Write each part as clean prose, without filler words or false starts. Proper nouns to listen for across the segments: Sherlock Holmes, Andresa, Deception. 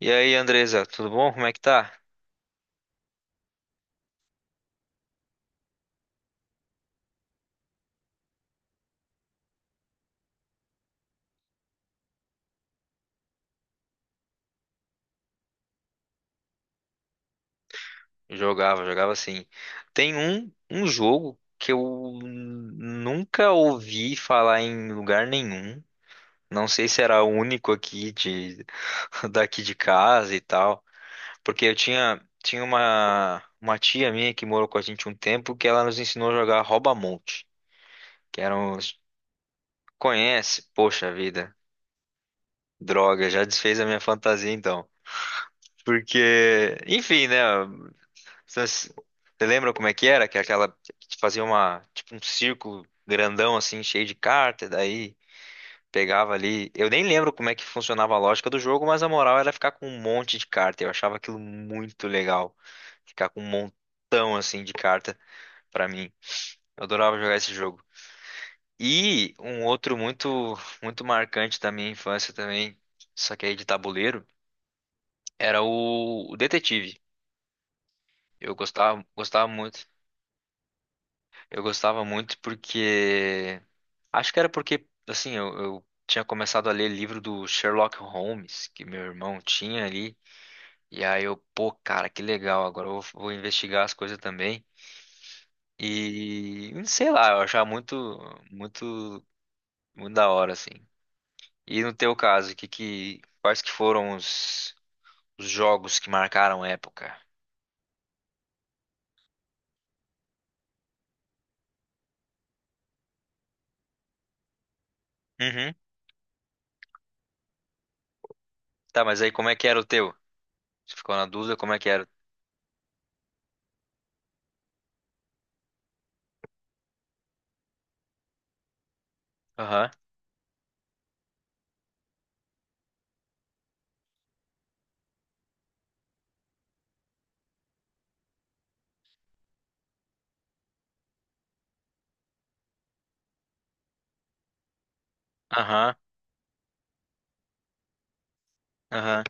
E aí, Andresa, tudo bom? Como é que tá? Jogava, jogava assim. Tem um jogo que eu nunca ouvi falar em lugar nenhum. Não sei se era o único aqui de daqui de casa e tal, porque eu tinha uma tia minha que morou com a gente um tempo que ela nos ensinou a jogar rouba-monte, que eram os conhece, poxa vida, droga, já desfez a minha fantasia então. Porque, enfim, né? Vocês- Você lembra como é que era? Que é aquela que fazia uma, tipo um círculo grandão assim, cheio de carta, daí pegava ali. Eu nem lembro como é que funcionava a lógica do jogo, mas a moral era ficar com um monte de carta. Eu achava aquilo muito legal. Ficar com um montão assim de carta pra mim. Eu adorava jogar esse jogo. E um outro muito muito marcante da minha infância também, só que aí de tabuleiro, era o Detetive. Eu gostava, gostava muito. Eu gostava muito porque. Acho que era porque, assim, eu tinha começado a ler livro do Sherlock Holmes, que meu irmão tinha ali. E aí eu, pô, cara, que legal, agora eu vou, vou investigar as coisas também. E sei lá, eu achava muito, muito, muito da hora, assim. E no teu caso, quais que foram os jogos que marcaram a época? Uhum. Tá, mas aí como é que era o teu? Você ficou na dúvida como é que era? Aham, aham, aham.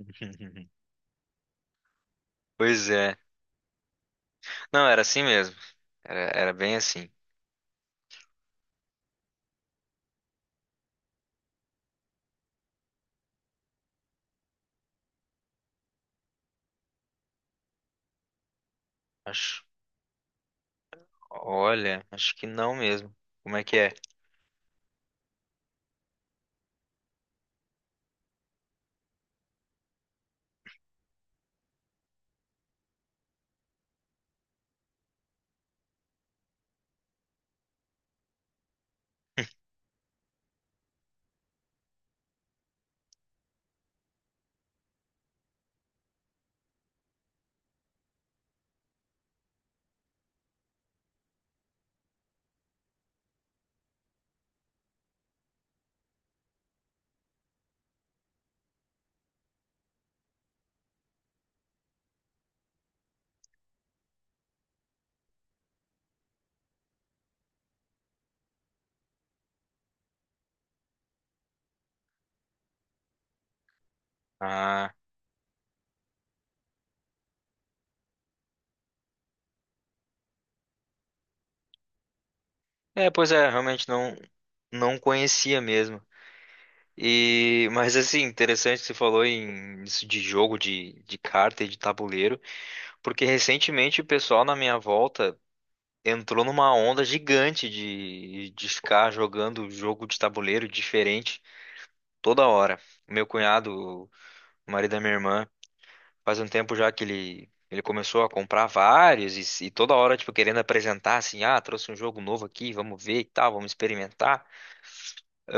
Pois é. Não, era assim mesmo. Era, era bem assim. Acho, olha, acho que não mesmo. Como é que é? Ah, é, pois é, realmente não não conhecia mesmo. E, mas assim, interessante que você falou em isso de jogo de carta e de tabuleiro, porque recentemente o pessoal na minha volta entrou numa onda gigante de ficar jogando jogo de tabuleiro diferente toda hora. Meu cunhado, o marido da minha irmã, faz um tempo já que ele começou a comprar vários e toda hora, tipo, querendo apresentar assim, ah, trouxe um jogo novo aqui, vamos ver e tal, vamos experimentar.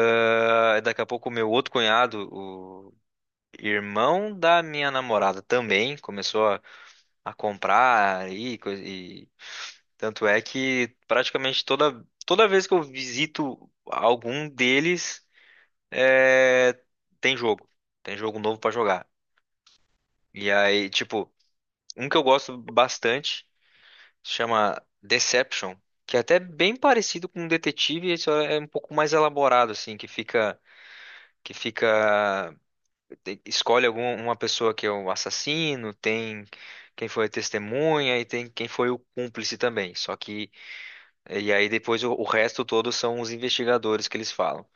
Ah, daqui a pouco o meu outro cunhado, o irmão da minha namorada também, começou a comprar e tanto é que praticamente toda, toda vez que eu visito algum deles, é, tem jogo. Tem jogo novo pra jogar. E aí, tipo, um que eu gosto bastante se chama Deception, que é até bem parecido com um detetive, só é um pouco mais elaborado assim, que fica te- escolhe alguma uma pessoa que é o assassino, tem quem foi a testemunha e tem quem foi o cúmplice também. Só que E aí depois o resto todo são os investigadores que eles falam.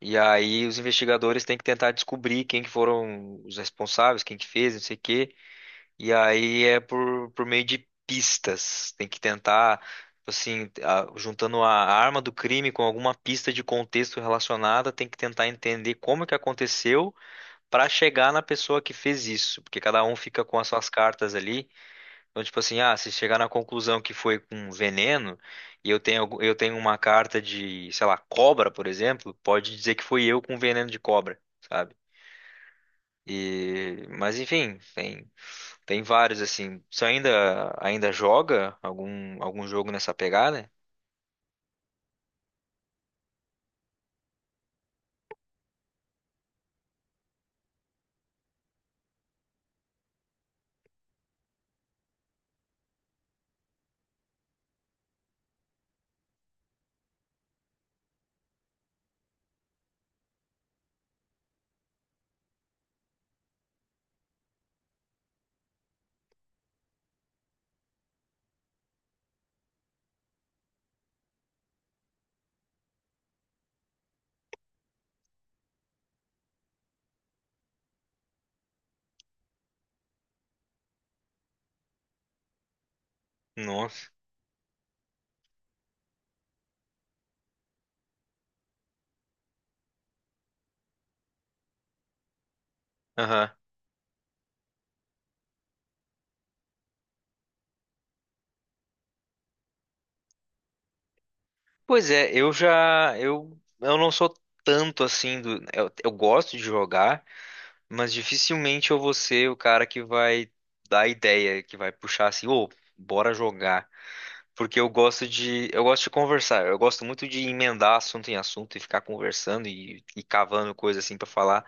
E aí os investigadores têm que tentar descobrir quem que foram os responsáveis, quem que fez, não sei o quê. E aí é por meio de pistas. Tem que tentar, tipo assim, a- juntando a arma do crime com alguma pista de contexto relacionada, tem que tentar entender como que aconteceu para chegar na pessoa que fez isso. Porque cada um fica com as suas cartas ali. Então, tipo assim, ah, se chegar na conclusão que foi com veneno, e eu tenho, algu- eu tenho uma carta de, sei lá, cobra, por exemplo, pode dizer que foi eu com veneno de cobra, sabe? E, mas enfim, tem tem vários assim. Você ainda joga algum jogo nessa pegada? Nossa. Aham. Pois é, eu já eu não sou tanto assim do eu gosto de jogar, mas dificilmente eu vou ser o cara que vai dar ideia, que vai puxar assim, ô, bora jogar. Porque eu gosto de conversar, eu gosto muito de emendar assunto em assunto e ficar conversando e cavando coisa assim pra falar,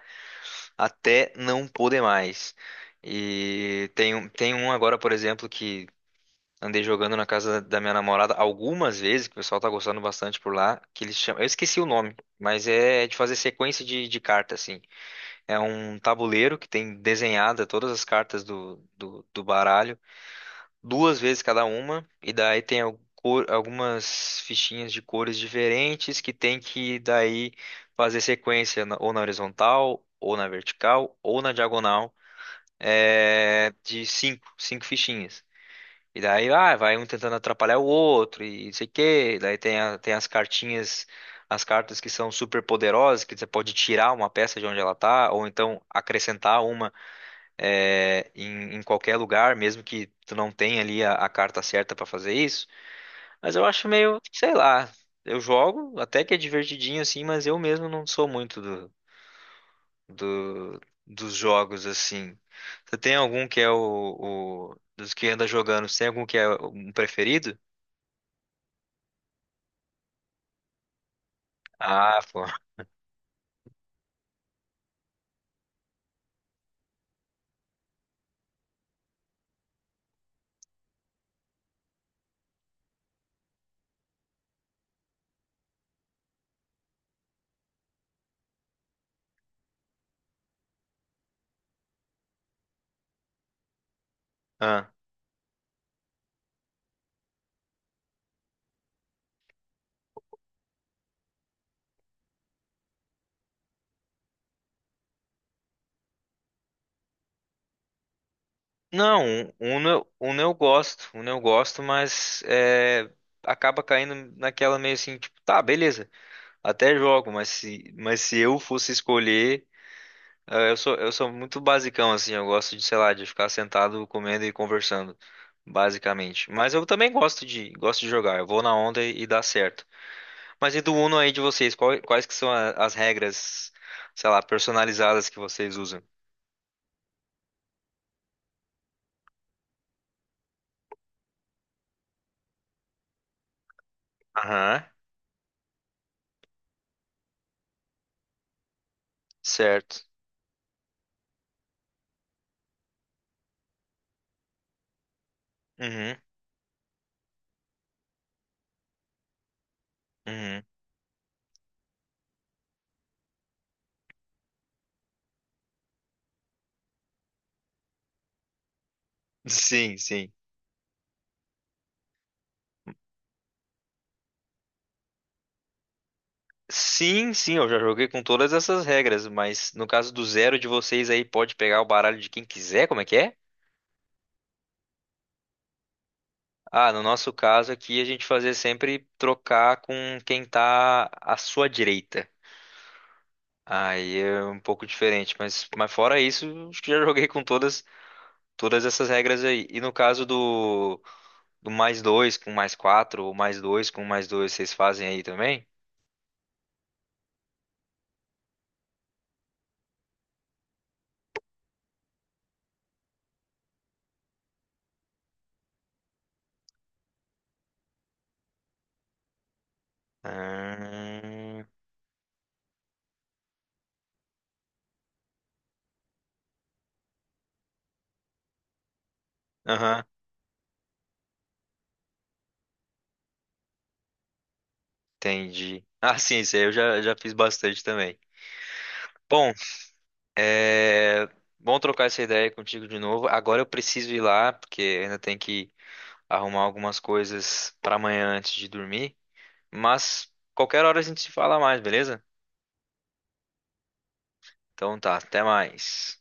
até não poder mais. E tem um agora, por exemplo, que andei jogando na casa da minha namorada algumas vezes, que o pessoal tá gostando bastante por lá, que eles chamam, eu esqueci o nome, mas é de fazer sequência de carta, assim. É um tabuleiro que tem desenhada todas as cartas do baralho, duas vezes cada uma, e daí tem al- cor- algumas fichinhas de cores diferentes que tem que daí fazer sequência na- ou na horizontal, ou na vertical, ou na diagonal é, de cinco, cinco fichinhas. E daí ah, vai um tentando atrapalhar o outro e não sei o quê. Daí tem, a- tem as cartinhas, as cartas que são super poderosas, que você pode tirar uma peça de onde ela tá, ou então acrescentar uma é, em qualquer lugar, mesmo que tu não tenha ali a carta certa para fazer isso. Mas eu acho meio, sei lá, eu jogo até que é divertidinho assim, mas eu mesmo não sou muito do, dos jogos, assim. Você tem algum que é dos que anda jogando, você tem algum que é um preferido? Ah, pô. Ah. Não, Uno eu gosto, mas é, acaba caindo naquela meio assim, tipo, tá, beleza, até jogo, mas se eu fosse escolher, eu sou muito basicão, assim, eu gosto de, sei lá, de ficar sentado comendo e conversando, basicamente. Mas eu também gosto de jogar, eu vou na onda e dá certo. Mas e do Uno aí de vocês? Quais que são a- as regras, sei lá, personalizadas que vocês usam? Aham, certo. Uhum, uhum. Sim, sim. Sim, sim, eu já joguei com todas essas regras, mas no caso do zero de vocês aí pode pegar o baralho de quem quiser, como é que é? Ah, no nosso caso aqui a gente fazia sempre trocar com quem tá à sua direita. Aí é um pouco diferente, mas fora isso, acho que já joguei com todas, todas essas regras aí. E no caso do do mais dois com mais quatro, ou mais dois com mais dois, vocês fazem aí também? Ah, aham, entendi. Ah, sim, isso aí eu já, já fiz bastante também. Bom, é bom trocar essa ideia contigo de novo. Agora eu preciso ir lá, porque ainda tem que arrumar algumas coisas para amanhã antes de dormir. Mas qualquer hora a gente se fala mais, beleza? Então tá, até mais.